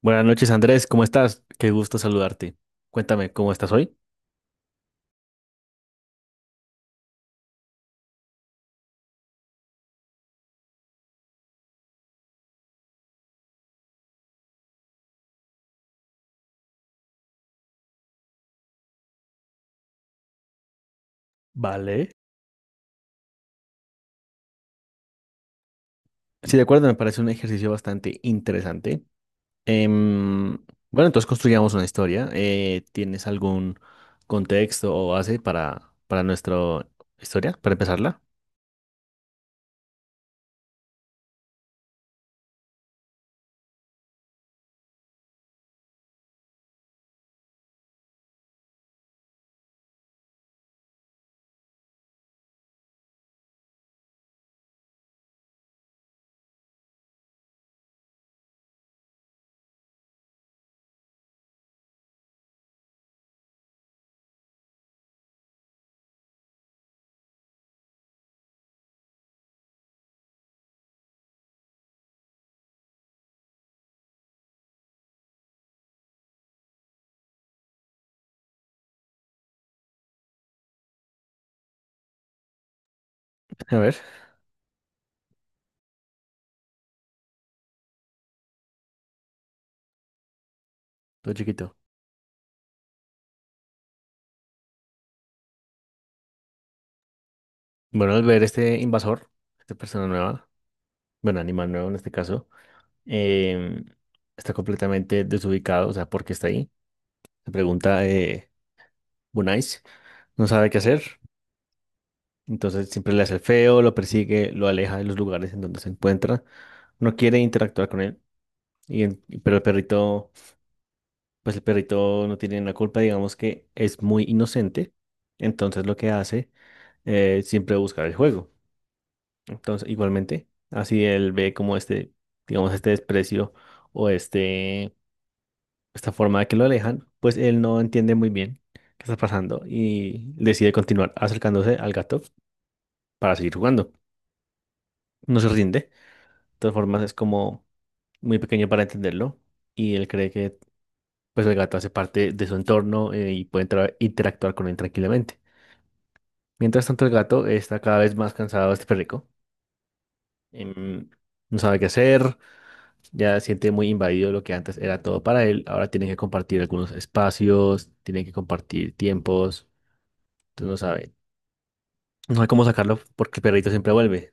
Buenas noches, Andrés, ¿cómo estás? Qué gusto saludarte. Cuéntame, ¿cómo estás hoy? Vale. Sí, de acuerdo, me parece un ejercicio bastante interesante. Em, bueno, entonces construyamos una historia. ¿Tienes algún contexto o base para nuestra historia, para empezarla? A ver, todo chiquito. Bueno, al ver este invasor, esta persona nueva, bueno, animal nuevo en este caso, em, está completamente desubicado, o sea, ¿por qué está ahí? Se pregunta, Bunais, no sabe qué hacer. Entonces siempre le hace el feo, lo persigue, lo aleja de los lugares en donde se encuentra. No quiere interactuar con él. Pero el perrito, pues el perrito no tiene la culpa, digamos que es muy inocente. Entonces lo que hace es siempre buscar el juego. Entonces, igualmente, así él ve como este, digamos, este desprecio o este, esta forma de que lo alejan, pues él no entiende muy bien qué está pasando y decide continuar acercándose al gato para seguir jugando. No se rinde. Todas formas es como muy pequeño para entenderlo y él cree que pues el gato hace parte de su entorno y puede interactuar con él tranquilamente. Mientras tanto el gato está cada vez más cansado de este perrico, em, no sabe qué hacer, ya siente muy invadido lo que antes era todo para él, ahora tiene que compartir algunos espacios, tiene que compartir tiempos, entonces no sabe cómo sacarlo porque el perrito siempre vuelve.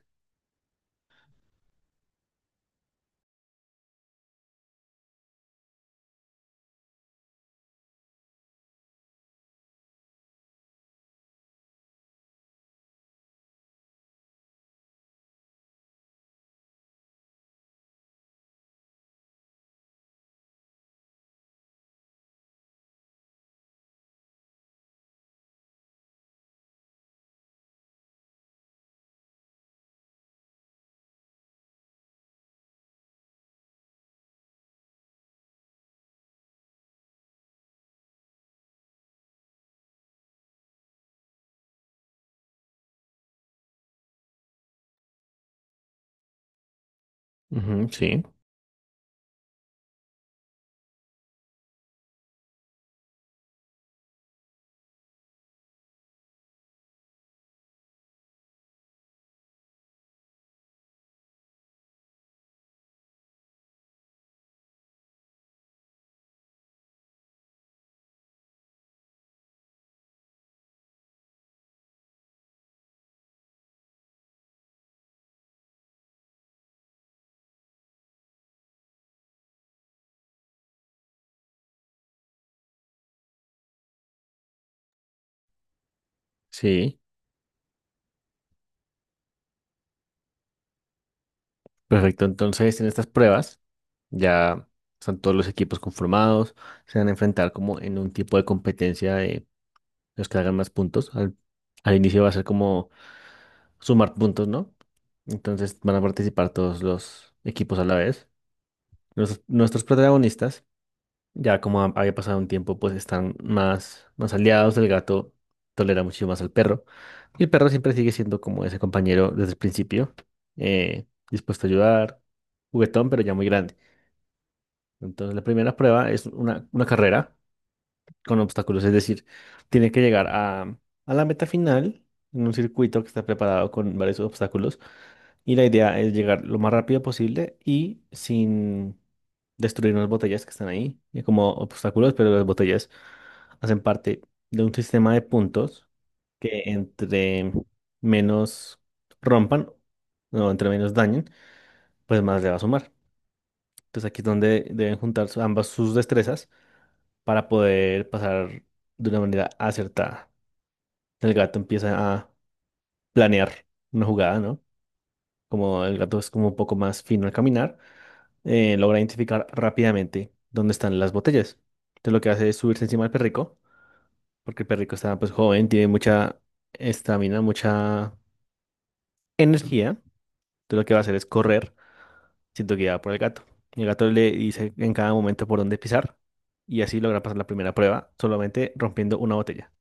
Ujú, sí, sí, perfecto, entonces en estas pruebas. Ya están todos los equipos conformados, se van a enfrentar como en un tipo de competencia de los que hagan más puntos. Al inicio va a ser como sumar puntos, ¿no? Entonces van a participar todos los equipos a la vez. Nuestros protagonistas, ya como había pasado un tiempo, pues están más aliados. El gato tolera mucho más al perro. Y el perro siempre sigue siendo como ese compañero desde el principio, dispuesto a ayudar, juguetón, pero ya muy grande. Entonces, la primera prueba es una carrera con obstáculos, es decir, tiene que llegar a la meta final en un circuito que está preparado con varios obstáculos y la idea es llegar lo más rápido posible y sin destruir unas botellas que están ahí como obstáculos, pero las botellas hacen parte de un sistema de puntos que entre menos rompan o entre menos dañen, pues más le va a sumar. Entonces aquí es donde deben juntar ambas sus destrezas para poder pasar de una manera acertada. El gato empieza a planear una jugada, ¿no? Como el gato es como un poco más fino al caminar, logra identificar rápidamente dónde están las botellas. Entonces lo que hace es subirse encima del perrico, porque el perrico está pues joven, tiene mucha estamina, mucha energía. Entonces lo que va a hacer es correr siendo guiado por el gato. Y el gato le dice en cada momento por dónde pisar y así logra pasar la primera prueba solamente rompiendo una botella.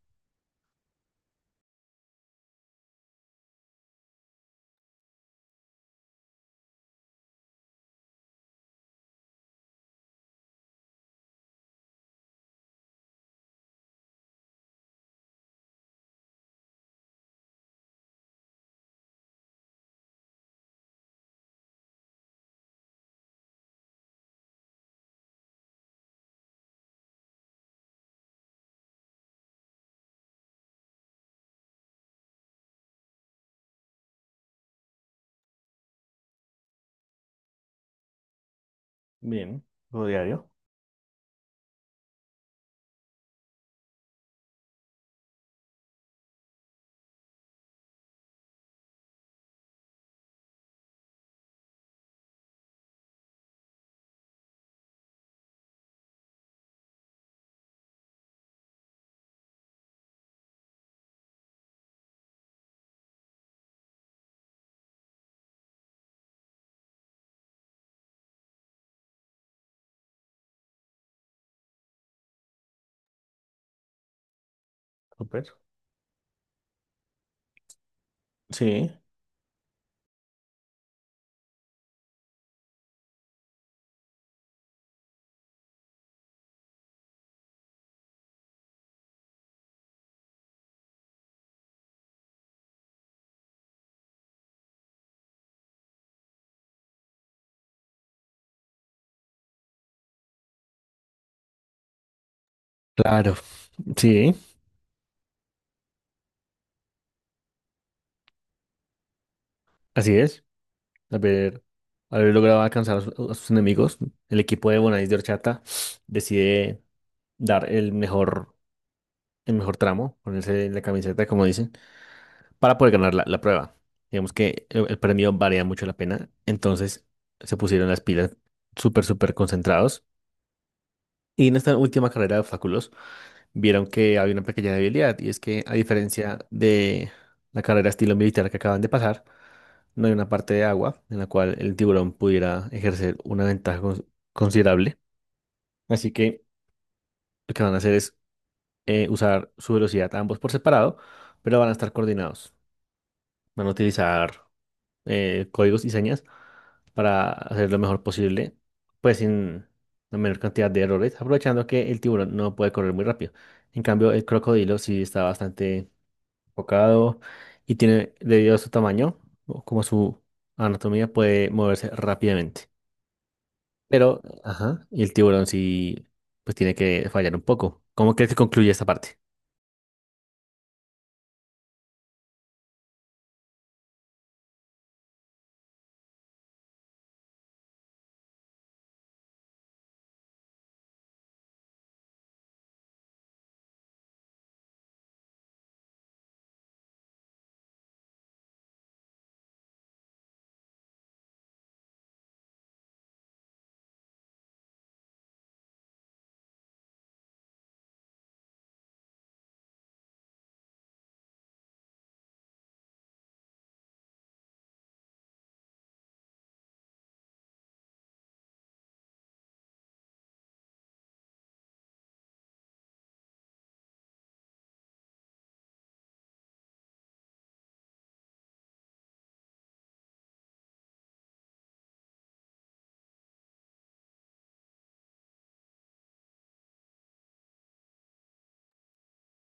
Bien, juego diario. Súper. Sí, claro, sí, así es. Haber, haber logrado alcanzar a, a sus enemigos, el equipo de Bonais de Horchata decide dar el mejor tramo, ponerse la camiseta, como dicen, para poder ganar la prueba. Digamos que el premio valía mucho la pena, entonces se pusieron las pilas súper, súper concentrados. Y en esta última carrera de obstáculos vieron que había una pequeña debilidad y es que a diferencia de la carrera estilo militar que acaban de pasar, no hay una parte de agua en la cual el tiburón pudiera ejercer una ventaja considerable. Así que lo que van a hacer es usar su velocidad ambos por separado, pero van a estar coordinados. Van a utilizar códigos y señas para hacer lo mejor posible, pues sin la menor cantidad de errores, aprovechando que el tiburón no puede correr muy rápido. En cambio, el crocodilo sí está bastante enfocado y tiene, debido a su tamaño, o como su anatomía, puede moverse rápidamente. Pero, ajá, y el tiburón sí, pues tiene que fallar un poco. ¿Cómo crees que concluye esta parte?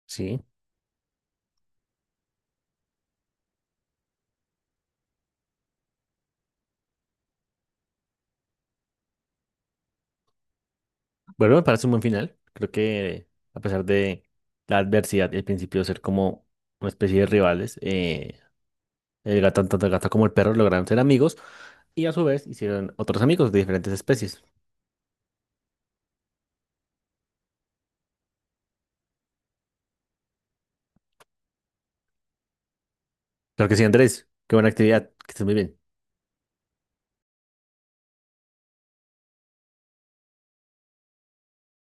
Sí. Bueno, me parece un buen final. Creo que a pesar de la adversidad y el principio de ser como una especie de rivales, el gato, tanto el gato como el perro lograron ser amigos y a su vez hicieron otros amigos de diferentes especies. Creo que sí, Andrés. Qué buena actividad. Que estés muy bien.